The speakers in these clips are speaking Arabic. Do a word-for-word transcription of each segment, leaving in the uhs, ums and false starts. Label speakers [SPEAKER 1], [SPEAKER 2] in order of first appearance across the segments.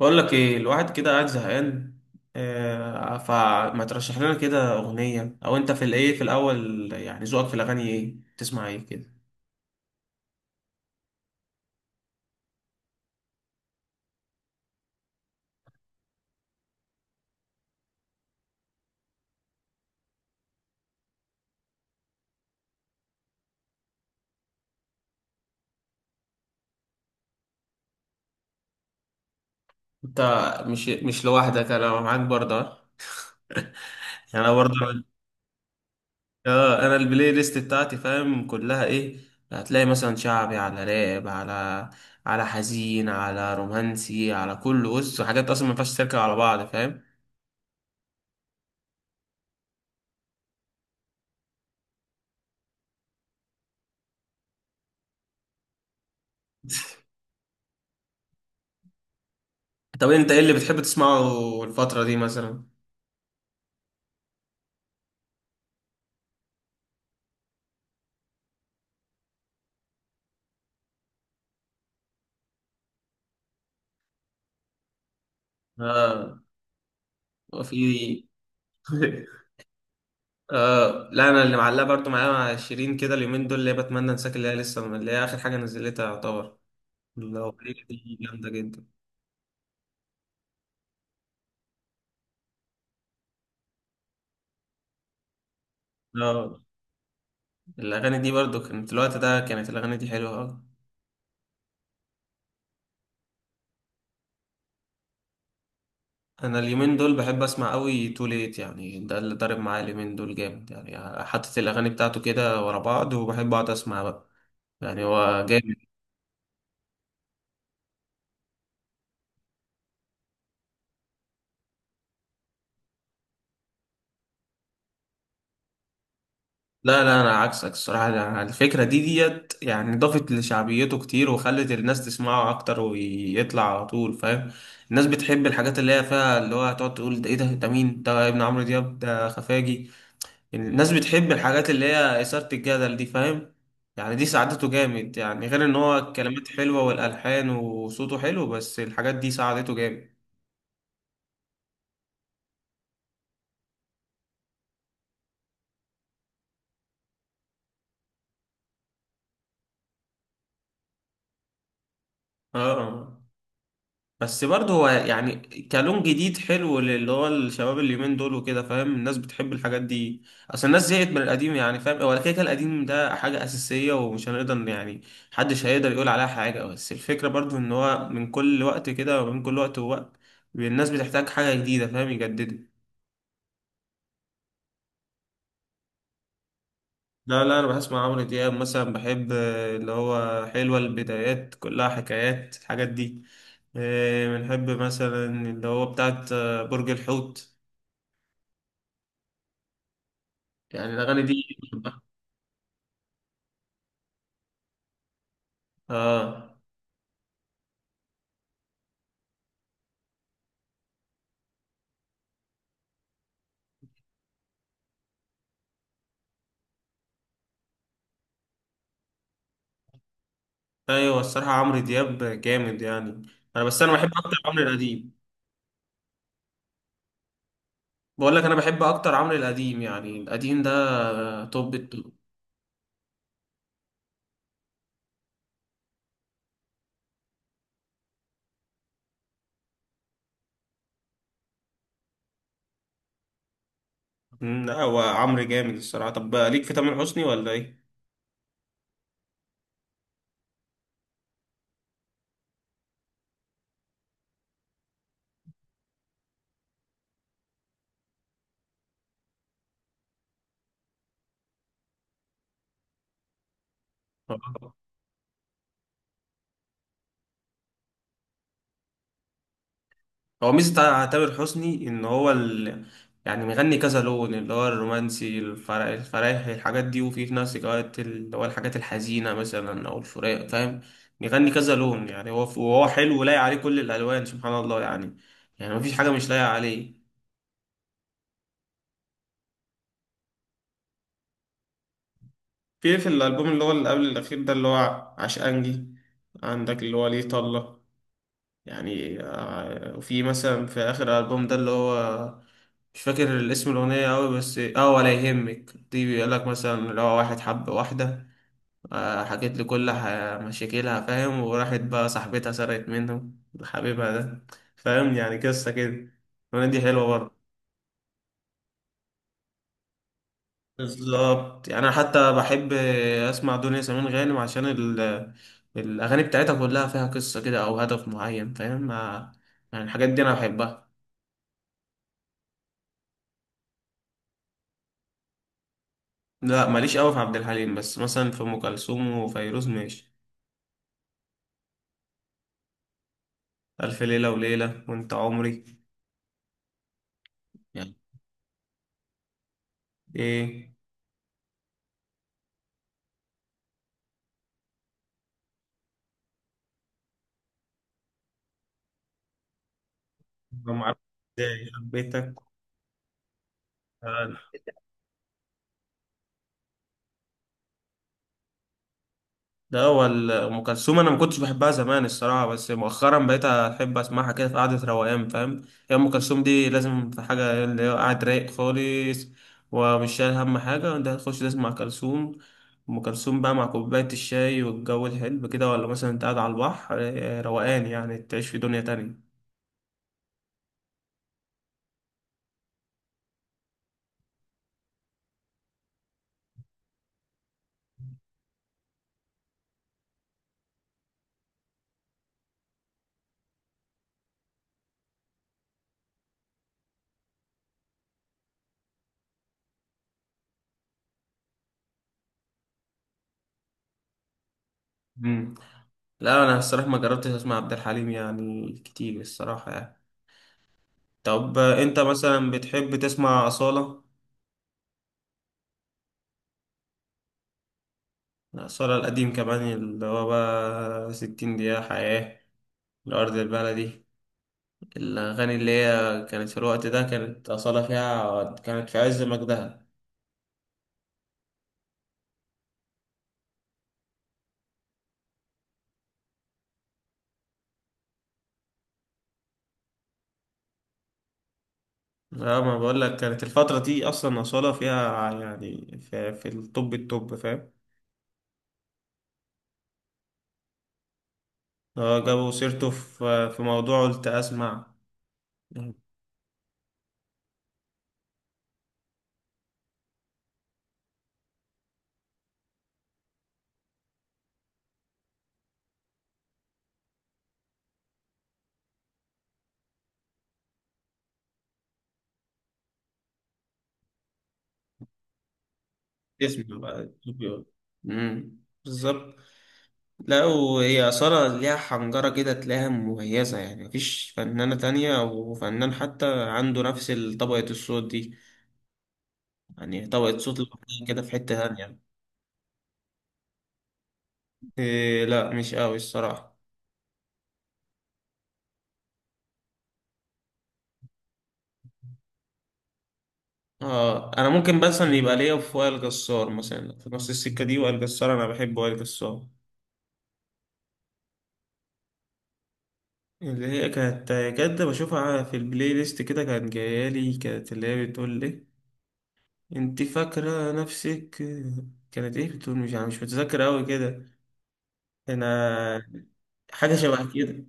[SPEAKER 1] بقول لك ايه؟ الواحد كده قاعد زهقان. آه، فما ترشح لنا كده اغنيه؟ او انت في الايه في الاول، يعني ذوقك في الاغاني ايه؟ تسمع ايه كده؟ انت مش مش لوحدك، انا معاك برضه آه. يعني انا برضه اه، انا البلاي ليست بتاعتي، فاهم، كلها ايه؟ هتلاقي مثلا شعبي على راب، على على حزين، على رومانسي، على كل، بص، حاجات اصلا ما ينفعش تركب على بعض، فاهم. طب انت ايه اللي بتحب تسمعه الفتره دي مثلا؟ اه. في. آه لا، انا اللي معلقه برضو معايا مع شيرين كده اليومين دول، اللي هي بتمنى انساك، اللي هي لسه، اللي هي اخر حاجه نزلتها يعتبر. الاغنيه دي جامده جدا. اه، الاغاني دي برضو كانت، الوقت ده كانت الاغاني دي حلوه أوي. انا اليومين دول بحب اسمع قوي تو ليت، يعني ده اللي ضارب معايا اليومين دول جامد، يعني حاطط الاغاني بتاعته كده ورا بعض وبحب اقعد اسمع بقى. يعني هو جاي. لا لا، انا عكسك الصراحه. أنا الفكره دي ديت يعني ضافت لشعبيته كتير وخلت الناس تسمعه اكتر ويطلع على طول، فاهم. الناس بتحب الحاجات اللي هي فيها اللي هو هتقعد تقول ده ايه ده، ده مين ده، ابن عمرو دياب، ده خفاجي، يعني الناس بتحب الحاجات اللي هي اثاره الجدل دي، فاهم. يعني دي ساعدته جامد، يعني غير ان هو الكلمات حلوه والالحان وصوته حلو، بس الحاجات دي ساعدته جامد. اه بس برضه هو يعني كلون جديد حلو، اللي هو الشباب اليومين دول وكده، فاهم، الناس بتحب الحاجات دي. اصل الناس زهقت من القديم، يعني فاهم، هو كده كده القديم ده حاجة أساسية ومش هنقدر يعني محدش هيقدر يقول عليها حاجة، بس الفكرة برضه ان هو من كل وقت كده، ومن كل وقت ووقت الناس بتحتاج حاجة جديدة، فاهم، يجددوا. لا لا، انا بسمع عمرو دياب مثلا، بحب آه، اللي هو حلوة، البدايات، كلها حكايات، الحاجات دي. آه، بنحب مثلا اللي هو بتاعت آه، برج الحوت، يعني الأغاني دي بحبها. آه. أيوة الصراحة عمرو دياب جامد يعني. أنا بس أنا بحب أكتر عمرو القديم. بقول لك، أنا بحب أكتر عمرو القديم، يعني القديم ده توب التوب. مم، لا هو عمرو جامد الصراحة. طب ليك في تامر حسني ولا إيه؟ آه. هو ميزة تامر حسني إن هو ال... يعني مغني كذا لون، اللي هو الرومانسي، الفر... الفرايح، الحاجات دي، وفي في نفس الوقت اللي هو الحاجات الحزينة مثلا أو الفراق، فاهم. مغني كذا لون، يعني هو، وهو حلو ولايق عليه كل الألوان، سبحان الله يعني. يعني مفيش حاجة مش لايقة عليه. في في الألبوم اللي هو اللي قبل الأخير ده، اللي هو عشقانجي، عندك اللي هو ليه طلة. يعني آه، وفي مثلا في آخر ألبوم ده اللي هو، مش فاكر الاسم الأغنية أوي، بس اه ولا يهمك دي، بيقولك مثلا اللي هو واحد حب واحدة، آه، حكيت لي كل ح- مشاكلها، فاهم، وراحت بقى صاحبتها سرقت منه حبيبها ده، فاهم، يعني قصة كده. الأغنية دي حلوة برضه. بالظبط، يعني أنا حتى بحب أسمع دنيا سمير غانم عشان ال الأغاني بتاعتها كلها فيها قصة كده أو هدف معين، فاهم. آه، يعني الحاجات دي أنا بحبها. لا ماليش قوي في عبد الحليم، بس مثلا في ام كلثوم وفيروز ماشي. الف ليله وليله وانت عمري. يعني ايه؟ ما معرفش ازاي حبيتك. آه. ده هو ال- ام كلثوم انا ما كنتش بحبها زمان الصراحه، بس مؤخرا بقيت احب اسمعها كده في قعده روقان، فاهم. هي ام كلثوم دي لازم في حاجه اللي هو قاعد رايق خالص ومش شايل هم حاجه، انت هتخش تسمع كلثوم. ام كلثوم بقى مع كوبايه الشاي والجو الحلو كده، ولا مثلا انت قاعد على البحر آه، روقان، يعني تعيش في دنيا تانية. مم. لا انا الصراحه ما جربتش اسمع عبد الحليم يعني كتير الصراحه يعني. طب انت مثلا بتحب تسمع اصاله؟ اصاله القديم كمان، اللي هو بقى ستين دقيقه حياه، الارض، البلدي، الاغاني اللي هي كانت في الوقت ده، كانت اصاله فيها، كانت في عز مجدها. لا، ما بقول لك كانت الفتره دي اصلا اصاله فيها، يعني في, في الطب الطب، فاهم. هو جابوا سيرته؟ في في موضوع قلت اسمع. اسمه بقى طوكيو. امم. بالظبط. لا وهي أصالة ليها حنجرة كده تلاقيها مميزة، يعني مفيش فنانة تانية أو فنان حتى عنده نفس طبقة الصوت دي. يعني طبقة صوت لوحدها كده في حتة تانية. إيه؟ لا مش قوي الصراحة. اه انا ممكن مثلا يبقى ليا في وائل جسار، مثلا في نص السكة دي، وائل جسار انا بحب وائل جسار. اللي هي كانت، كانت بشوفها في البلاي ليست كده، كانت جايالي، كانت اللي هي بتقول لي انت فاكرة نفسك، كانت ايه بتقول؟ مش، انا مش متذكر اوي كده. انا حاجة شبه كده.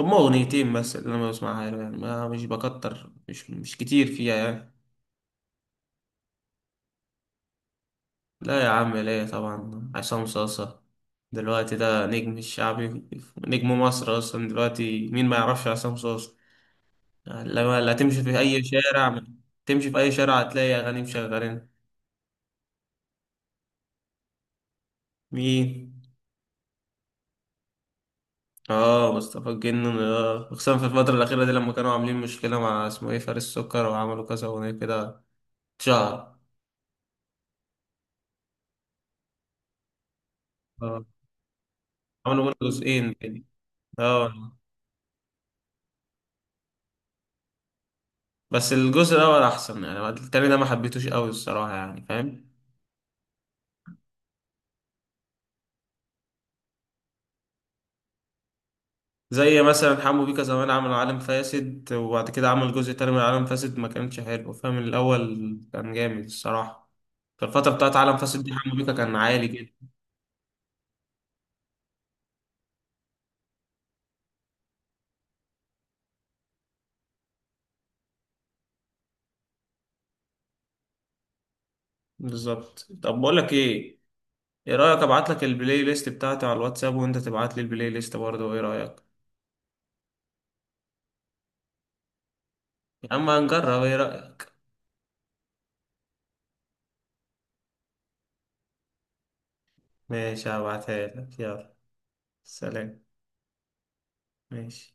[SPEAKER 1] هما اغنيتين بس اللي انا بسمعها له، يعني ما مش بكتر مش مش كتير فيها يعني. لا يا عم، ليه؟ طبعا، عصام صاصة دلوقتي ده نجم الشعبي، نجم مصر اصلا دلوقتي. مين ما يعرفش عصام صاصة؟ لما لا تمشي في اي شارع، تمشي في اي شارع هتلاقي اغاني مشغلين. مين؟ اه مصطفى الجن، اه خصوصا في الفترة الأخيرة دي، لما كانوا عاملين مشكلة مع اسمه ايه، فارس سكر، وعملوا كذا أغنية كده، اتشهر. اه، عملوا منه جزئين كده. اه بس الجزء الأول أحسن، يعني التاني ده ما حبيتوش أوي الصراحة، يعني فاهم. زي مثلا حمو بيكا زمان عمل عالم فاسد، وبعد كده عمل جزء تاني من عالم فاسد ما كانش حلو، فاهم، الأول كان جامد الصراحة. في الفترة بتاعت عالم فاسد دي حمو بيكا كان عالي جدا. بالظبط. طب بقول لك ايه، ايه رأيك ابعت لك البلاي ليست بتاعتي على الواتساب وانت تبعت لي البلاي ليست برضه، ايه رأيك؟ يا عم هنجرب، ايه رأيك؟ ماشي هبعتها لك، يلا سلام. ماشي.